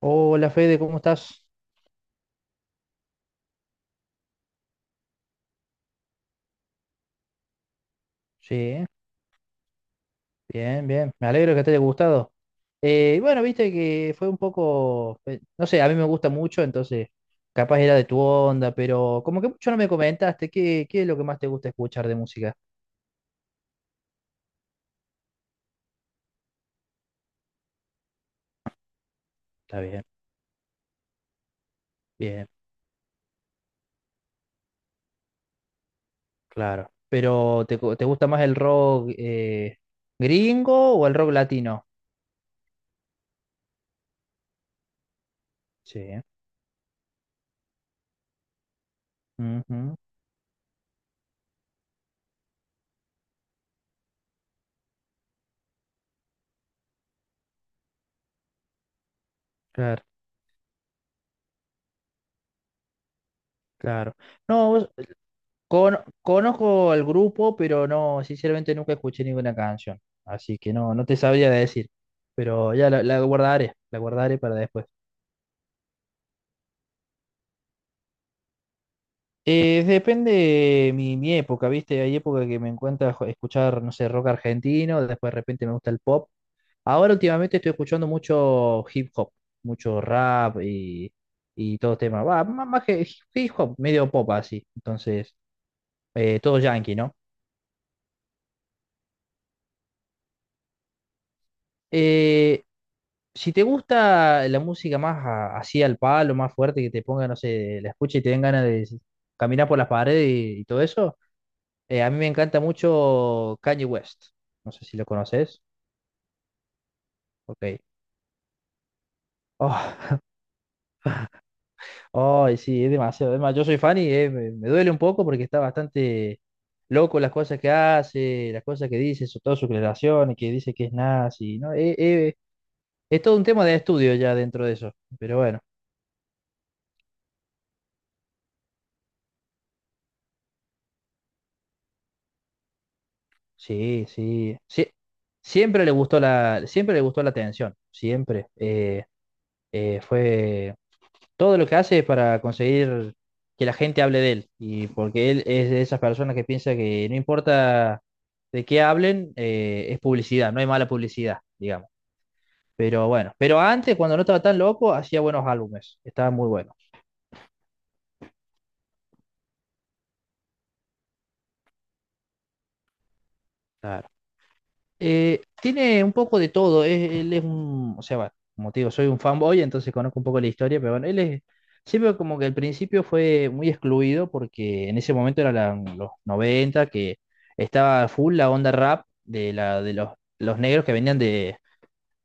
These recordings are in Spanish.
Hola Fede, ¿cómo estás? Sí, bien, bien. Me alegro que te haya gustado. Bueno, viste que fue un poco, no sé, a mí me gusta mucho, entonces capaz era de tu onda, pero como que mucho no me comentaste, ¿qué es lo que más te gusta escuchar de música? Está bien, bien, claro. Pero te gusta más el rock gringo o el rock latino? Sí. Ujú, claro. Claro. No, conozco el grupo, pero no, sinceramente nunca escuché ninguna canción. Así que no, no te sabría decir. Pero ya la guardaré para después. Depende mi época, ¿viste? Hay época que me encuentra escuchar, no sé, rock argentino, después de repente me gusta el pop. Ahora últimamente estoy escuchando mucho hip hop, mucho rap y todo tema. Va, más que hip hop, medio pop así. Entonces, todo yankee, ¿no? Eh, si te gusta la música más así al palo, más fuerte, que te ponga, no sé, la escucha y te den ganas de caminar por las paredes y todo eso, a mí me encanta mucho Kanye West. No sé si lo conoces. Ok. Oh, ay, sí, es demasiado. Además, yo soy fan y me duele un poco porque está bastante loco las cosas que hace, las cosas que dice, todas sus declaraciones, que dice que es nazi, ¿no? Es todo un tema de estudio ya dentro de eso. Pero bueno. Sí, sí, sí. Siempre le gustó siempre le gustó la atención, siempre. Fue Todo lo que hace es para conseguir que la gente hable de él. Y porque él es de esas personas que piensa que no importa de qué hablen, es publicidad, no hay mala publicidad, digamos. Pero bueno, pero antes, cuando no estaba tan loco, hacía buenos álbumes, estaban muy buenos. Claro. Tiene un poco de todo. Él es un, o sea, va, como te digo, soy un fanboy, entonces conozco un poco la historia, pero bueno, él es, siempre como que al principio fue muy excluido porque en ese momento eran los 90 que estaba full la onda rap de, la, de los negros que venían de,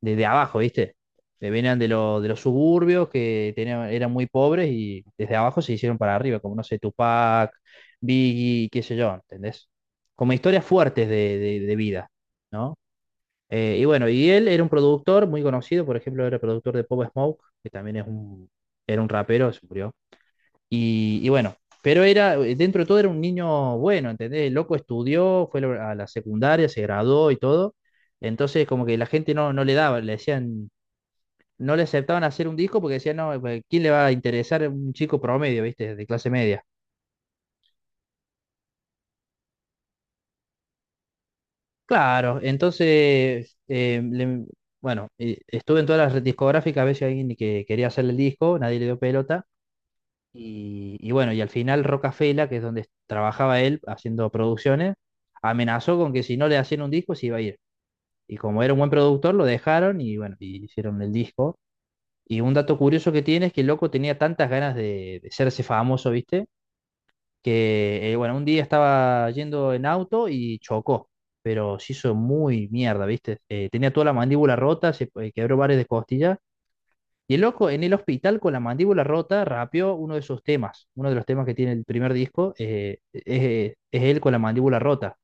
de abajo, ¿viste? Que venían de los suburbios, que tenían, eran muy pobres y desde abajo se hicieron para arriba, como no sé, Tupac, Biggie, qué sé yo, ¿entendés? Como historias fuertes de, de vida. ¿No? Y bueno, y él era un productor muy conocido, por ejemplo, era productor de Pop Smoke, que también es un, era un rapero, se murió. Y bueno, pero era, dentro de todo era un niño bueno, ¿entendés? El loco estudió, fue a la secundaria, se graduó y todo. Entonces, como que la gente no le daba, le decían, no le aceptaban hacer un disco porque decían, no, pues, ¿quién le va a interesar un chico promedio, viste, de clase media? Claro, entonces, bueno, estuve en todas las discográficas a ver si alguien que quería hacer el disco, nadie le dio pelota. Y bueno, y al final Rocafela, que es donde trabajaba él haciendo producciones, amenazó con que si no le hacían un disco se iba a ir. Y como era un buen productor, lo dejaron y bueno, y hicieron el disco. Y un dato curioso que tiene es que el loco tenía tantas ganas de hacerse famoso, ¿viste? Que bueno, un día estaba yendo en auto y chocó, pero se hizo muy mierda, ¿viste? Tenía toda la mandíbula rota, se quebró varias de costillas y el loco en el hospital con la mandíbula rota rapeó uno de sus temas. Uno de los temas que tiene el primer disco es él con la mandíbula rota.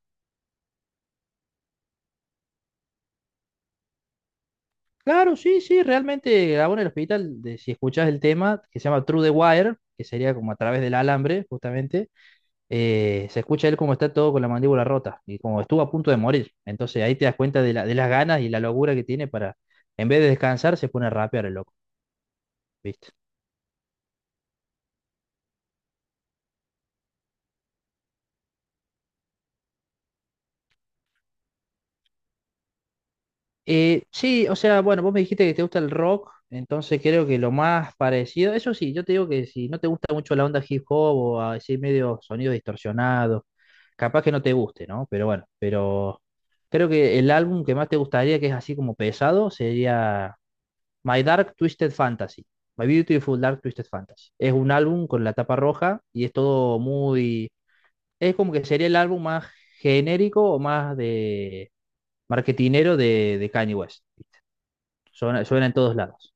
Claro, sí, sí, realmente grabó en el hospital. Si escuchás el tema que se llama Through the Wire, que sería como a través del alambre, justamente, se escucha él como está todo con la mandíbula rota y como estuvo a punto de morir. Entonces ahí te das cuenta de las ganas y la locura que tiene para, en vez de descansar, se pone a rapear el loco, ¿viste? Sí, o sea, bueno, vos me dijiste que te gusta el rock, entonces creo que lo más parecido, eso sí, yo te digo que si no te gusta mucho la onda hip hop o así medio sonido distorsionado, capaz que no te guste, ¿no? Pero bueno, pero creo que el álbum que más te gustaría, que es así como pesado, sería My Dark Twisted Fantasy, My Beautiful Dark Twisted Fantasy. Es un álbum con la tapa roja y es todo muy, es como que sería el álbum más genérico o más de marketinero de Kanye West. Suena en todos lados.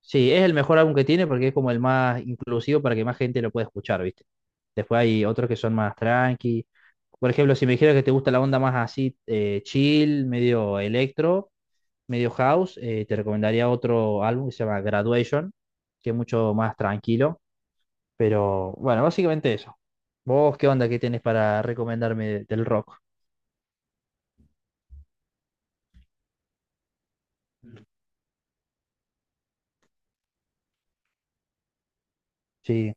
Sí, es el mejor álbum que tiene porque es como el más inclusivo para que más gente lo pueda escuchar, ¿viste? Después hay otros que son más tranqui. Por ejemplo, si me dijeras que te gusta la onda más así, chill, medio electro, medio house, te recomendaría otro álbum que se llama Graduation, que es mucho más tranquilo. Pero bueno, básicamente eso. ¿Vos qué onda que tenés para recomendarme del rock? Sí,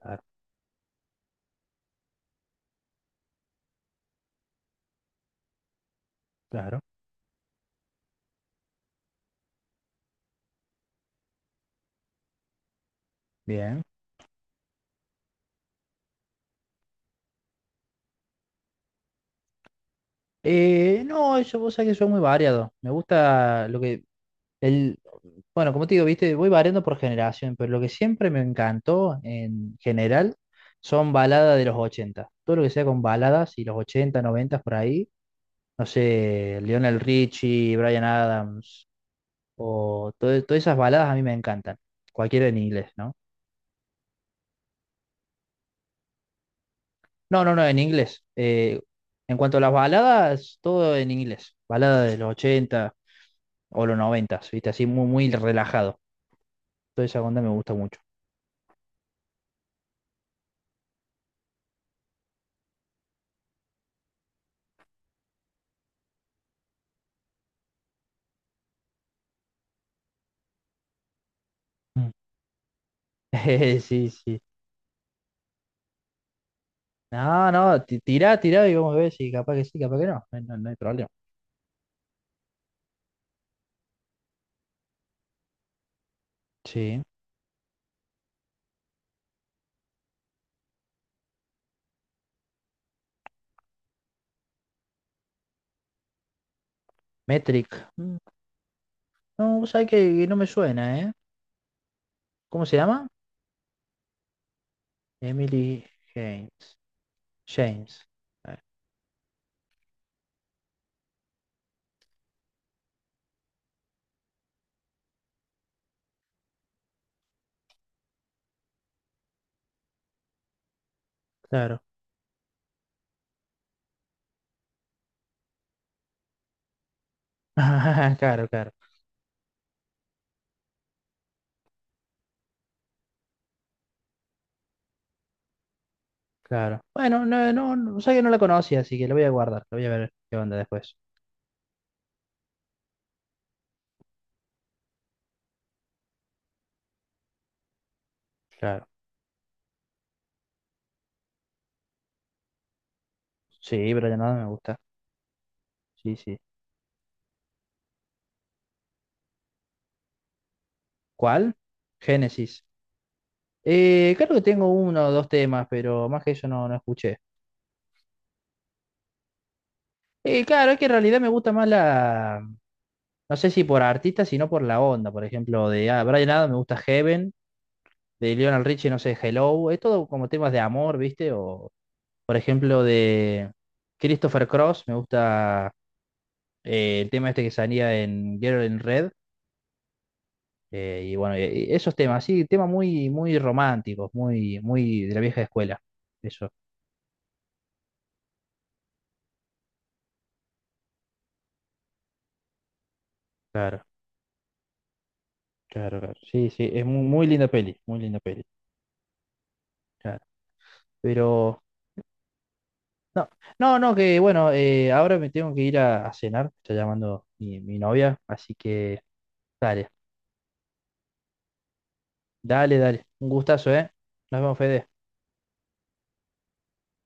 claro, claro, bien. No, eso vos sabés que soy muy variado. Me gusta lo que... El, bueno, como te digo, viste, voy variando por generación, pero lo que siempre me encantó en general son baladas de los ochenta. Todo lo que sea con baladas y los 80 90 por ahí. No sé, Lionel Richie, Bryan Adams, o todas esas baladas a mí me encantan. Cualquiera en inglés, ¿no? No, no, no, en inglés. En cuanto a las baladas, todo en inglés. Balada de los 80 o los noventas, ¿viste? Así muy, muy relajado. Toda esa onda me gusta mucho. Sí, sí. No, no, tirá, tirá y vamos a ver si capaz que sí, capaz que no. No, no hay problema. Sí. Metric. Mm, no, vos sabés que no me suena, ¿eh? ¿Cómo se llama? Emily James. James. Eh, Claro. Claro, claro, claro. Bueno, no, no, no, sabés que no la conocía, así que la voy a guardar. La voy a ver qué onda después. Claro. Sí, pero ya nada me gusta. Sí, sí. ¿Cuál? Génesis. Creo que tengo uno o dos temas, pero más que eso no escuché. Claro, es que en realidad me gusta más la. No sé si por artista, sino por la onda. Por ejemplo, de Brian Adams me gusta Heaven, de Lionel Richie, no sé, Hello. Es todo como temas de amor, ¿viste? O, por ejemplo, de Christopher Cross, me gusta el tema este que salía en Girl in Red. Y bueno, y esos temas, sí, temas muy, muy románticos, muy, muy de la vieja escuela. Eso, claro. Claro, claro. Sí, sí, es muy, muy linda peli, muy linda peli. Claro. Pero, no, no, no, que bueno, ahora me tengo que ir a cenar, me está llamando mi novia, así que dale, dale, dale. Un gustazo, ¿eh? Nos vemos, Fede.